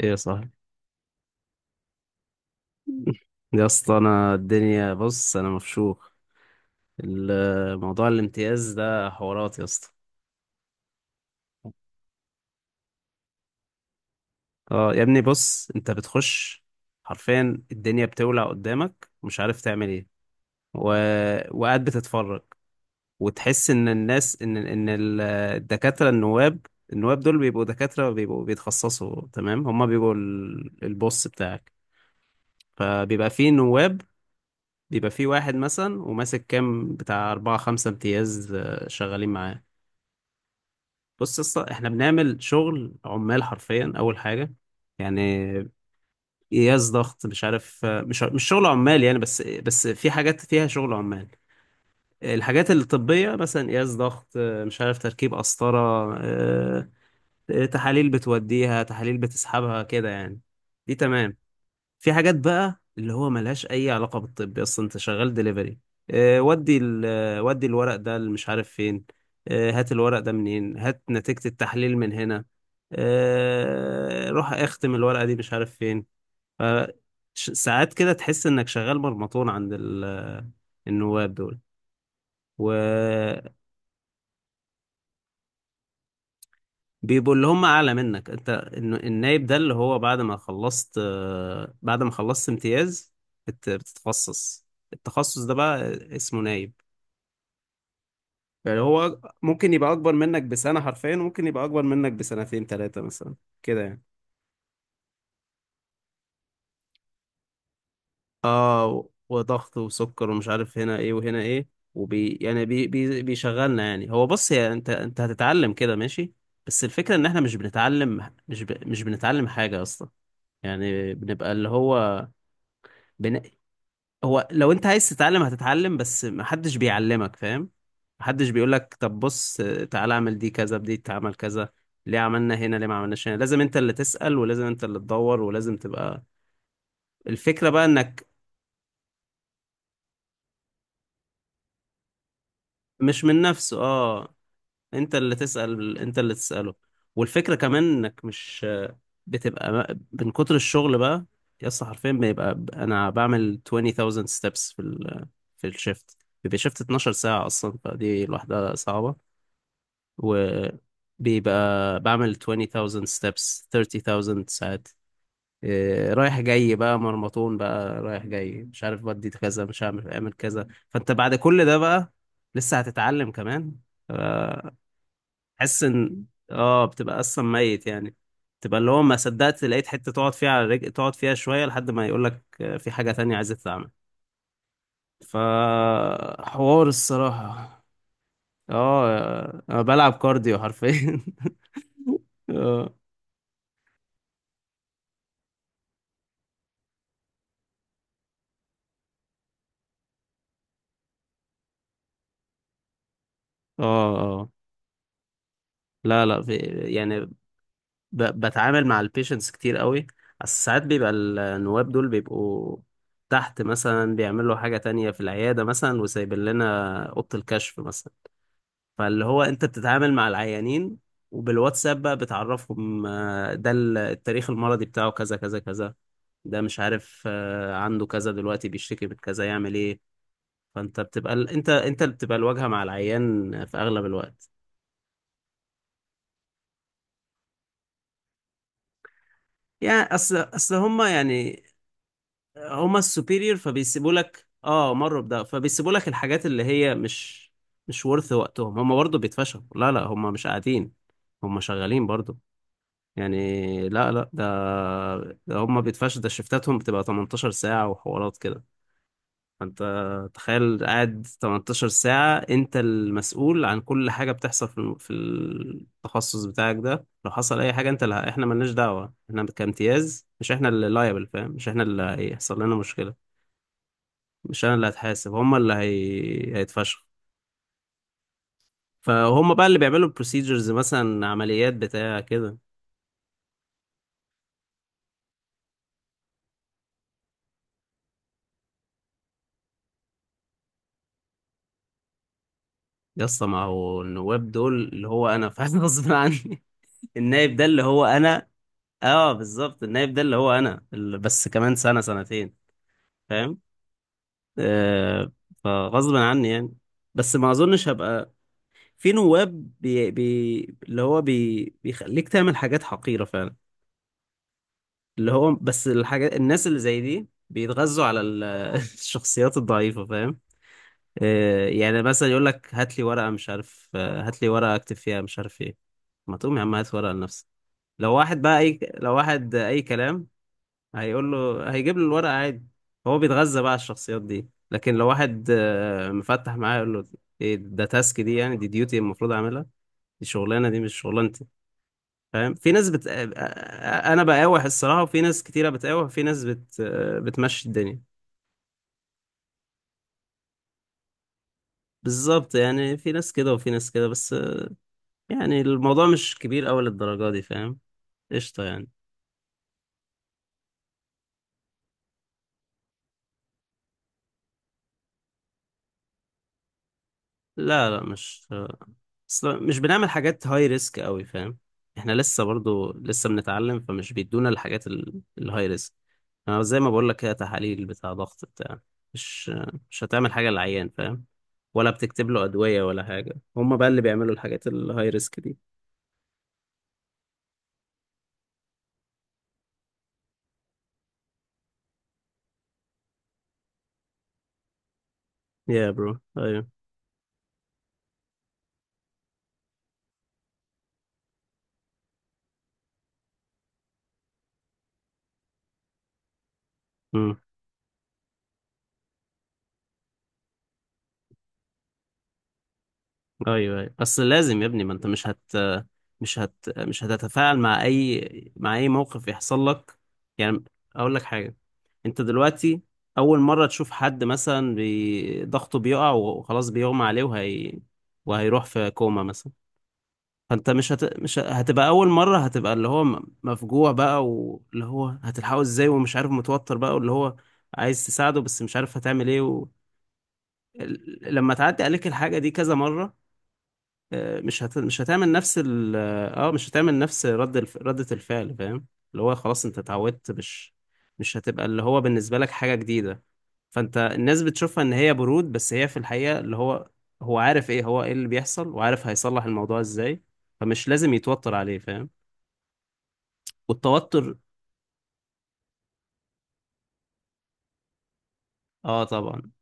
ايه صاحبي. يا اسطى انا الدنيا بص انا مفشوخ. الموضوع الامتياز ده حوارات يا اسطى. اه يا ابني بص انت بتخش، حرفيا الدنيا بتولع قدامك مش عارف تعمل ايه و... وقاعد بتتفرج، وتحس ان الناس الدكاتره النواب. النواب دول بيبقوا دكاتره، بيبقوا بيتخصصوا، تمام، هما بيبقوا البوس بتاعك. فبيبقى فيه نواب، بيبقى في واحد مثلا وماسك كام بتاع أربعة خمسة امتياز، شغالين معاه. بص يا اسطى احنا بنعمل شغل عمال حرفيا، أول حاجة يعني قياس ضغط مش عارف، مش شغل عمال يعني، بس بس في حاجات فيها شغل عمال. الحاجات الطبية مثلا قياس ضغط، مش عارف، تركيب قسطرة، آه، تحاليل بتوديها، تحاليل بتسحبها كده يعني. دي تمام. في حاجات بقى اللي هو ملهاش اي علاقه بالطب اصلا، انت شغال دليفري. اه ودي ال آه، ودي الورق ده اللي مش عارف فين، هات الورق ده منين، هات نتيجه التحليل من هنا، روح اختم الورقه دي مش عارف فين. ف- ساعات كده تحس انك شغال مرمطون عند النواب دول. بيبقوا اللي هم اعلى منك انت، النايب ده اللي هو بعد ما خلصت، بعد ما خلصت امتياز بتتخصص، التخصص ده بقى اسمه نايب. يعني هو ممكن يبقى اكبر منك بسنة حرفيا، وممكن يبقى اكبر منك بسنتين ثلاثة مثلا، كده يعني. اه وضغط وسكر ومش عارف هنا ايه وهنا ايه، وبي يعني بي بي بيشغلنا يعني. هو بص يا انت هتتعلم كده، ماشي، بس الفكرة ان احنا مش بنتعلم، مش بنتعلم حاجة اصلا. يعني بنبقى اللي هو بن... هو لو انت عايز تتعلم هتتعلم، بس محدش بيعلمك، فاهم؟ محدش بيقولك طب بص تعالى اعمل دي كذا، بدي تعمل كذا، ليه عملنا هنا، ليه ما عملناش هنا. لازم انت اللي تسأل، ولازم انت اللي تدور، ولازم تبقى. الفكرة بقى انك مش من نفسه، اه، انت اللي تسأل، انت اللي تسأله. والفكرة كمان انك مش بتبقى، من كتر الشغل بقى يا اسطى، حرفيا بيبقى انا بعمل 20,000 steps في في الشيفت. بيبقى شيفت 12 ساعة اصلا، فدي لوحدها صعبة. وبيبقى بعمل 20,000 steps 30,000 ساعات، إيه، رايح جاي بقى مرمطون بقى، رايح جاي، مش عارف بدي كذا، مش هعمل اعمل كذا، فانت بعد كل ده بقى لسه هتتعلم كمان. آه، حس ان، اه بتبقى اصلا ميت يعني. تبقى اللي هو ما صدقت لقيت حتة تقعد فيها على رجل، تقعد فيها شوية لحد ما يقولك، في حاجة تانية عايز تتعمل. فحوار الصراحة. اه انا بلعب كارديو حرفيا. اه. اه اه لا لا في يعني، بتعامل مع البيشنتس كتير قوي، بس ساعات بيبقى النواب دول بيبقوا تحت مثلا، بيعملوا حاجة تانية في العيادة مثلا، وسايبين لنا أوضة الكشف مثلا. فاللي هو انت بتتعامل مع العيانين، وبالواتساب بقى بتعرفهم، ده التاريخ المرضي بتاعه كذا كذا كذا، ده مش عارف، عنده كذا دلوقتي، بيشتكي من كذا، يعمل ايه. فانت بتبقى انت اللي بتبقى الواجهة مع العيان في اغلب الوقت. يعني اصل هما يعني، هما السوبيريور، فبيسيبوا لك اه، مروا بده، فبيسيبوا لك الحاجات اللي هي مش مش ورث وقتهم. هما برضه بيتفشخوا، لا لا هما مش قاعدين، هما شغالين برضه يعني. لا لا ده، ده هما بيتفشخوا، ده شفتاتهم بتبقى 18 ساعة وحوارات كده. فانت تخيل قاعد 18 ساعة انت المسؤول عن كل حاجة بتحصل في في التخصص بتاعك ده. لو حصل اي حاجة انت اللي، احنا ملناش دعوة، احنا كامتياز مش احنا اللي لايبل، فاهم؟ مش احنا اللي هيحصل لنا مشكلة. مش انا اللي هتحاسب، هم هيتفشخ. فهم بقى اللي بيعملوا البروسيجرز، مثلا عمليات بتاع كده. يا اسطى ما هو النواب دول اللي هو انا فاهم، غصب عني. النايب ده اللي هو انا. اه بالظبط النايب ده اللي هو انا اللي بس كمان سنة سنتين، فاهم. آه. فغصب عني يعني، بس ما اظنش هبقى. في نواب بي... بي... اللي هو بي... بيخليك تعمل حاجات حقيرة فعلا. اللي هو بس الحاجات، الناس اللي زي دي بيتغذوا على الشخصيات الضعيفة، فاهم. يعني مثلا يقول لك هات لي ورقة مش عارف، هات لي ورقة اكتب فيها مش عارف ايه. ما تقوم يا عم هات ورقة لنفسك. لو واحد بقى اي، لو واحد اي كلام هيقول له، هيجيب له الورقة عادي، هو بيتغذى بقى على الشخصيات دي. لكن لو واحد مفتح معاه يقول له ايه ده؟ تاسك دي يعني، دي ديوتي المفروض اعملها؟ دي شغلانة، دي مش شغلانة، فاهم. في ناس بت... آه، آه، آه، انا بقاوح الصراحه، وفي ناس كتيره بتقاوح، وفي ناس بت... آه، بتمشي الدنيا. بالظبط، يعني في ناس كده وفي ناس كده بس. يعني الموضوع مش كبير أوي للدرجه دي، فاهم. قشطه يعني. لا لا مش، أصل مش بنعمل حاجات هاي ريسك أوي، فاهم. احنا لسه برضو لسه بنتعلم، فمش بيدونا الحاجات الهاي ريسك. انا زي ما بقول لك، هي تحاليل بتاع ضغط بتاع، مش مش هتعمل حاجه للعيان، فاهم. ولا بتكتب له ادويه ولا حاجه. هما بقى اللي بيعملوا الحاجات الهاي ريسك دي. يا برو ايوه. امم ايوه ايوه. اصل لازم يا ابني، ما انت مش مش هتتفاعل مع اي موقف يحصل لك يعني. اقول لك حاجه، انت دلوقتي اول مره تشوف حد مثلا ضغطه بيقع وخلاص بيغمى عليه، وهي وهيروح في كوما مثلا. فانت مش هت... مش ه- هتبقى اول مره، هتبقى اللي هو مفجوع بقى، واللي هو هتلحقه ازاي، ومش عارف، متوتر بقى، واللي هو عايز تساعده بس مش عارف هتعمل ايه لما تعدي عليك الحاجه دي كذا مره، مش هتعمل نفس ال، اه مش هتعمل نفس ردة الفعل، فاهم. اللي هو خلاص انت اتعودت، مش هتبقى اللي هو بالنسبة لك حاجة جديدة. فانت الناس بتشوفها ان هي برود، بس هي في الحقيقة اللي هو، هو عارف ايه، هو ايه اللي بيحصل، وعارف هيصلح الموضوع ازاي، فمش لازم يتوتر عليه، فاهم. والتوتر. اه طبعا.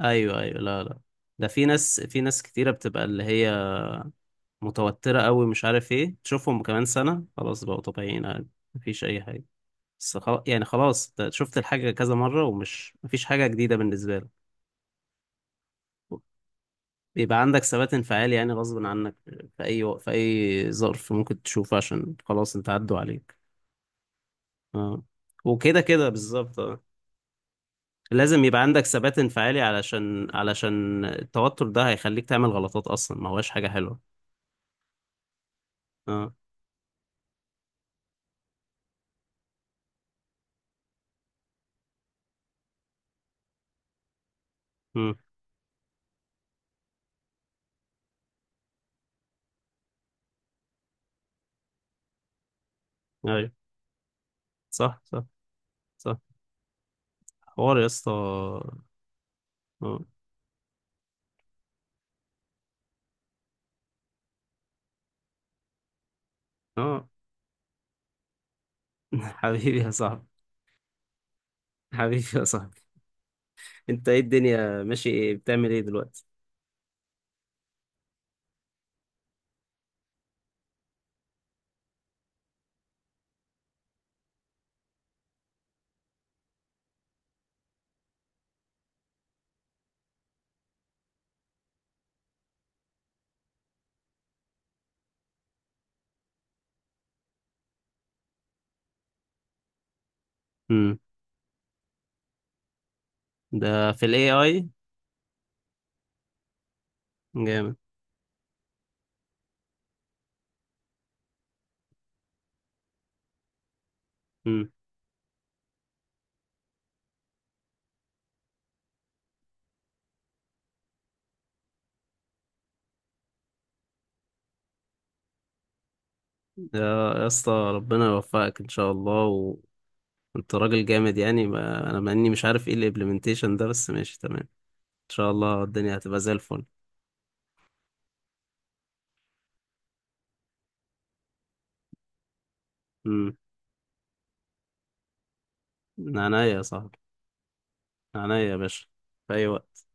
ايوه ايوه لا لا ده، في ناس كتيرة بتبقى اللي هي متوترة قوي مش عارف ايه، تشوفهم كمان سنة خلاص بقوا طبيعيين عادي، مفيش اي حاجة. بس خلاص يعني، خلاص أنت شفت الحاجة كذا مرة، ومش مفيش حاجة جديدة بالنسبة لك. بيبقى عندك ثبات انفعالي يعني غصب عنك. في أي ظرف ممكن تشوفه عشان خلاص أنت عدوا عليك. اه وكده كده بالظبط اه. لازم يبقى عندك ثبات انفعالي، علشان التوتر ده هيخليك تعمل غلطات، أصلا ما هواش حاجة حلوة. اه امم. أيوه صح صح صح. حوار يا اسطى. اه اه. حبيبي يا صاحبي. حبيبي يا صاحبي. أنت إيه؟ الدنيا ماشي إيه؟ بتعمل إيه دلوقتي؟ امم. ده في الاي اي. جامد. امم. يا يا اسطى ربنا يوفقك ان شاء الله. وانت راجل جامد يعني. ما انا مع اني مش عارف ايه الامبلمنتيشن ده، بس ماشي تمام، ان شاء الله الدنيا هتبقى زي الفل. امم. من عينيا يا صاحبي. من عينيا يا باشا. في اي وقت.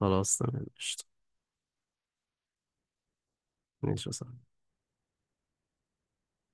خلاص تمام قشطة. ماشي يا صاحبي.